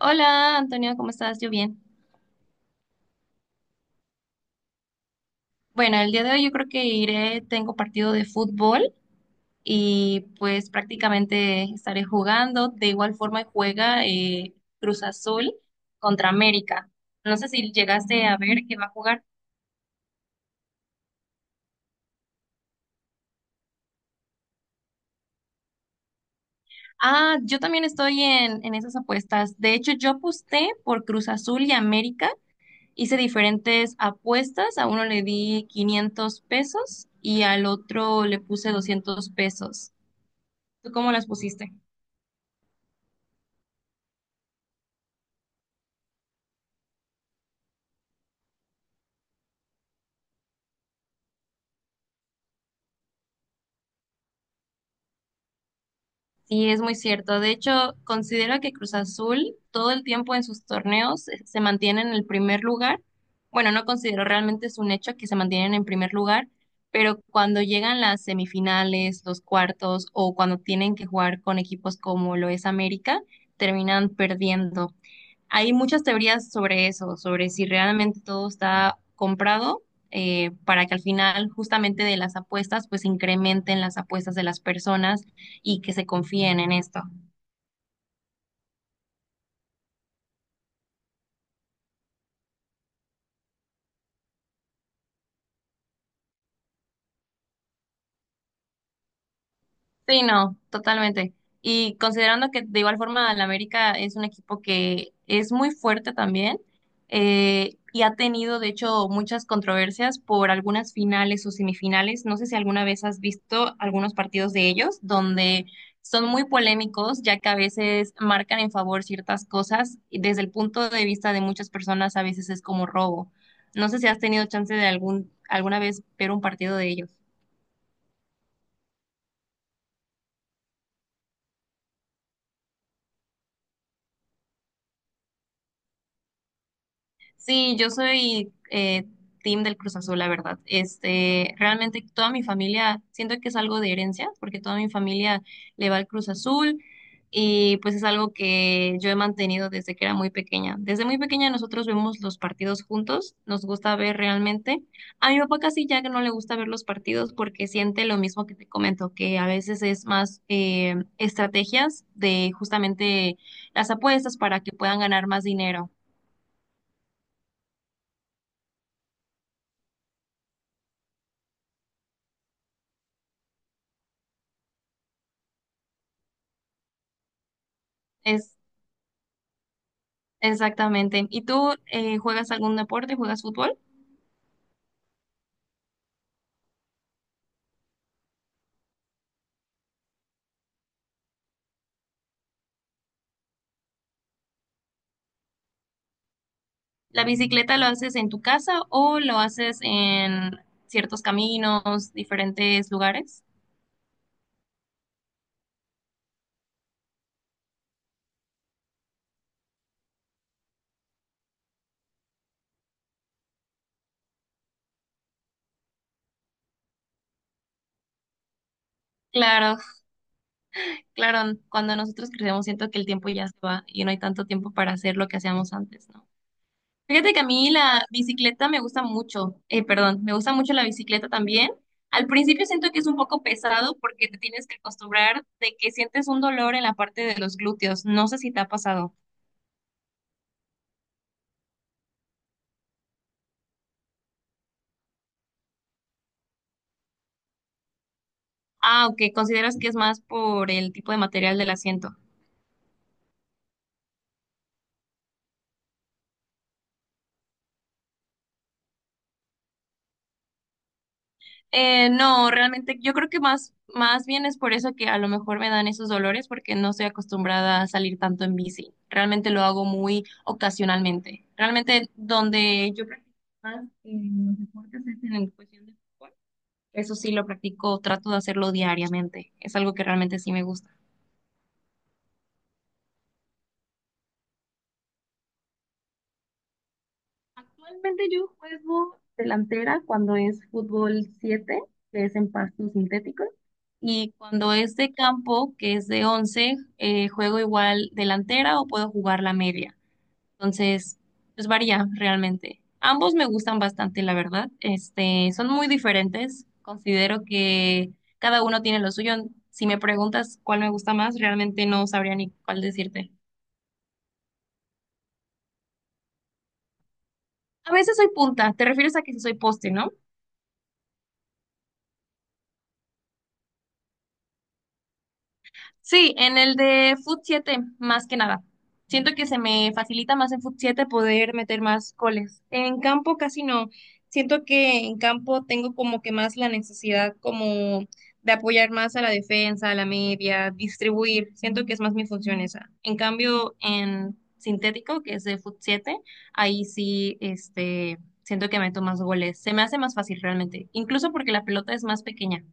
Hola Antonio, ¿cómo estás? Yo bien. Bueno, el día de hoy yo creo que iré, tengo partido de fútbol y pues prácticamente estaré jugando. De igual forma juega Cruz Azul contra América. No sé si llegaste a ver que va a jugar. Ah, yo también estoy en esas apuestas. De hecho, yo aposté por Cruz Azul y América. Hice diferentes apuestas. A uno le di 500 pesos y al otro le puse 200 pesos. ¿Tú cómo las pusiste? Sí, es muy cierto. De hecho, considero que Cruz Azul todo el tiempo en sus torneos se mantiene en el primer lugar. Bueno, no considero realmente, es un hecho que se mantienen en primer lugar, pero cuando llegan las semifinales, los cuartos o cuando tienen que jugar con equipos como lo es América, terminan perdiendo. Hay muchas teorías sobre eso, sobre si realmente todo está comprado para que al final justamente de las apuestas pues incrementen las apuestas de las personas y que se confíen en esto. Sí, no, totalmente. Y considerando que de igual forma el América es un equipo que es muy fuerte también y ha tenido de hecho muchas controversias por algunas finales o semifinales. No sé si alguna vez has visto algunos partidos de ellos donde son muy polémicos ya que a veces marcan en favor ciertas cosas y desde el punto de vista de muchas personas a veces es como robo. No sé si has tenido chance de algún alguna vez ver un partido de ellos. Sí, yo soy team del Cruz Azul, la verdad. Este, realmente toda mi familia, siento que es algo de herencia, porque toda mi familia le va al Cruz Azul y pues es algo que yo he mantenido desde que era muy pequeña. Desde muy pequeña nosotros vemos los partidos juntos, nos gusta ver realmente. A mi papá casi ya que no le gusta ver los partidos porque siente lo mismo que te comento, que a veces es más estrategias de justamente las apuestas para que puedan ganar más dinero. Es Exactamente. ¿Y tú juegas algún deporte? ¿Juegas fútbol? ¿La bicicleta lo haces en tu casa o lo haces en ciertos caminos, diferentes lugares? Claro, claro. Cuando nosotros crecemos siento que el tiempo ya se va y no hay tanto tiempo para hacer lo que hacíamos antes, ¿no? Fíjate que a mí la bicicleta me gusta mucho. Perdón, me gusta mucho la bicicleta también. Al principio siento que es un poco pesado porque te tienes que acostumbrar de que sientes un dolor en la parte de los glúteos. No sé si te ha pasado. Ah, ok, ¿consideras que es más por el tipo de material del asiento? No, realmente yo creo que más bien es por eso que a lo mejor me dan esos dolores porque no estoy acostumbrada a salir tanto en bici. Realmente lo hago muy ocasionalmente. Realmente donde yo practico más los deportes es en cuestión de fútbol. Eso sí lo practico, trato de hacerlo diariamente. Es algo que realmente sí me gusta. Actualmente yo juego delantera cuando es fútbol 7, que es en pasto sintético, y cuando es de campo, que es de once, juego igual delantera o puedo jugar la media. Entonces, pues varía realmente. Ambos me gustan bastante, la verdad. Este, son muy diferentes. Considero que cada uno tiene lo suyo. Si me preguntas cuál me gusta más, realmente no sabría ni cuál decirte. A veces soy punta, te refieres a que sí soy poste, ¿no? Sí, en el de Foot 7, más que nada. Siento que se me facilita más en Foot 7 poder meter más goles. En campo casi no. Siento que en campo tengo como que más la necesidad como de apoyar más a la defensa, a la media, distribuir. Siento que es más mi función esa. En cambio, en sintético, que es de Foot 7, ahí sí, este, siento que meto más goles. Se me hace más fácil realmente, incluso porque la pelota es más pequeña.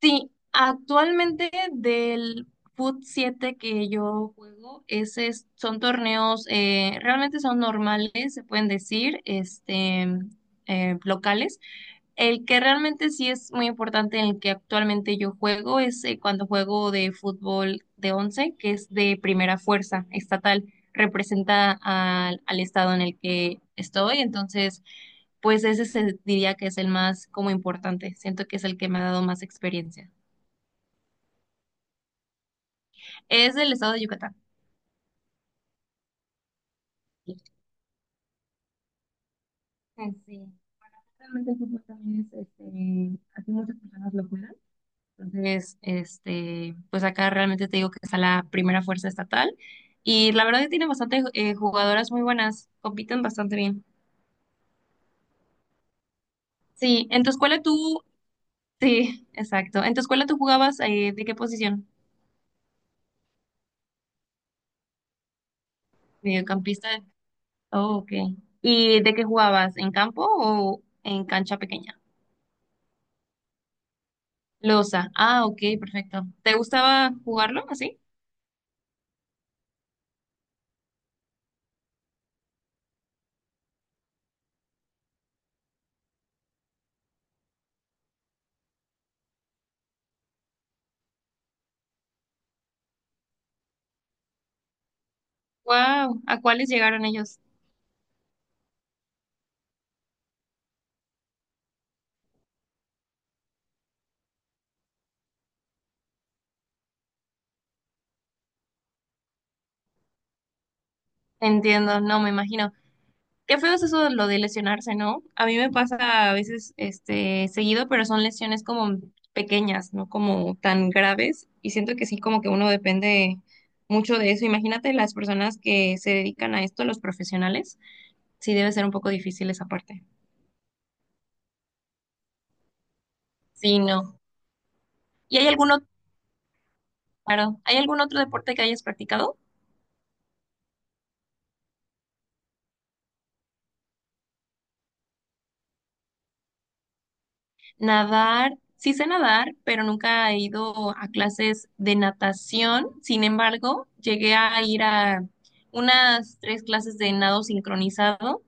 Sí, actualmente del FUT 7 que yo juego, son torneos, realmente son normales, se pueden decir, este, locales. El que realmente sí es muy importante, en el que actualmente yo juego, es cuando juego de fútbol de 11, que es de primera fuerza estatal, representa al, al estado en el que estoy, entonces pues ese se diría que es el más como importante. Siento que es el que me ha dado más experiencia. Es del estado de Yucatán. Ah, sí, realmente el fútbol también es, este, así muchas personas lo juegan. Entonces, este, pues acá realmente te digo que está la primera fuerza estatal y la verdad que tiene bastante jugadoras muy buenas, compiten bastante bien. Sí, en tu escuela tú, sí, exacto. ¿En tu escuela tú jugabas de qué posición? Mediocampista. Oh, ok. ¿Y de qué jugabas? ¿En campo o en cancha pequeña? Losa. Ah, ok, perfecto. ¿Te gustaba jugarlo así? Wow, ¿a cuáles llegaron ellos? Entiendo, no me imagino. Qué feo es eso de lo de lesionarse, ¿no? A mí me pasa a veces este seguido, pero son lesiones como pequeñas, no como tan graves y siento que sí como que uno depende mucho de eso. Imagínate las personas que se dedican a esto, los profesionales. Sí debe ser un poco difícil esa parte. Sí, no. ¿Y hay alguno Claro. ¿Hay algún otro deporte que hayas practicado? Nadar, sí sé nadar, pero nunca he ido a clases de natación. Sin embargo, llegué a ir a unas tres clases de nado sincronizado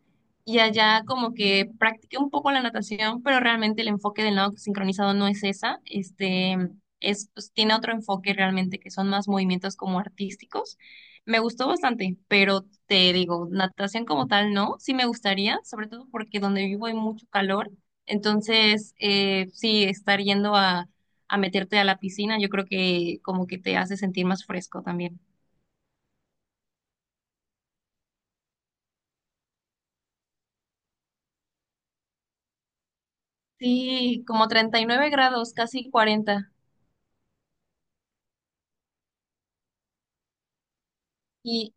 y allá como que practiqué un poco la natación, pero realmente el enfoque del nado sincronizado no es esa. Este es, pues, tiene otro enfoque realmente que son más movimientos como artísticos. Me gustó bastante, pero te digo, natación como tal no, sí me gustaría, sobre todo porque donde vivo hay mucho calor, entonces, sí, estar yendo a, meterte a la piscina, yo creo que como que te hace sentir más fresco también. Sí, como 39 grados, casi 40. Y,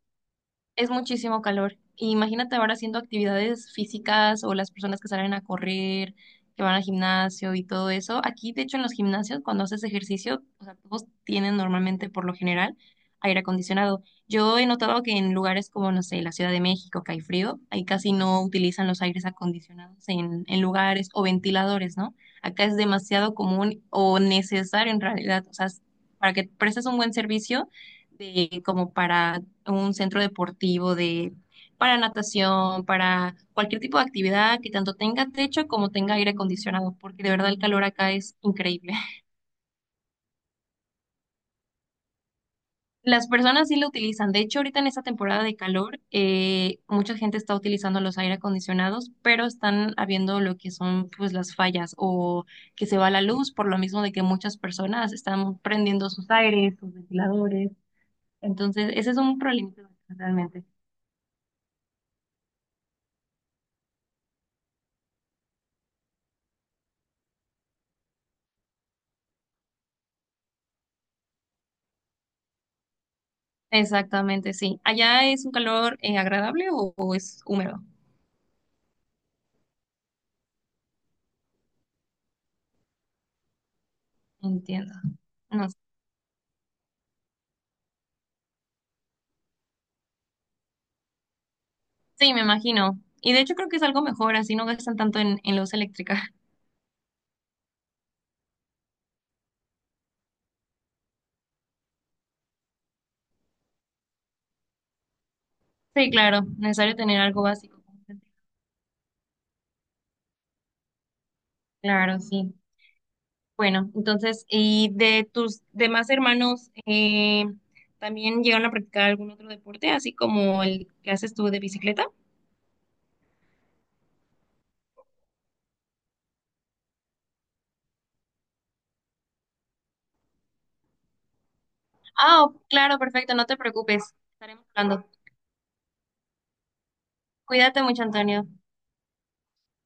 Es muchísimo calor. Y imagínate ahora haciendo actividades físicas o las personas que salen a correr, que van al gimnasio y todo eso. Aquí, de hecho, en los gimnasios, cuando haces ejercicio, o sea, todos tienen normalmente, por lo general, aire acondicionado. Yo he notado que en lugares como, no sé, la Ciudad de México, que hay frío, ahí casi no utilizan los aires acondicionados en lugares o ventiladores, ¿no? Acá es demasiado común o necesario en realidad. O sea, para que prestes un buen servicio de como para un centro deportivo de, para natación, para cualquier tipo de actividad que tanto tenga techo como tenga aire acondicionado, porque de verdad el calor acá es increíble. Las personas sí lo utilizan. De hecho, ahorita en esta temporada de calor, mucha gente está utilizando los aire acondicionados, pero están habiendo lo que son pues las fallas o que se va la luz por lo mismo de que muchas personas están prendiendo sus aires, sus ventiladores. Entonces, ese es un problema realmente. Exactamente, sí. ¿Allá es un calor agradable o es húmedo? Entiendo. No sé. Sí, me imagino. Y de hecho creo que es algo mejor, así no gastan tanto en luz eléctrica. Sí, claro, necesario tener algo básico. Claro, sí. Bueno, entonces, ¿y de tus demás hermanos también llegaron a practicar algún otro deporte, así como el que haces tú de bicicleta? Ah, claro, perfecto, no te preocupes. Estaremos hablando. Cuídate mucho, Antonio.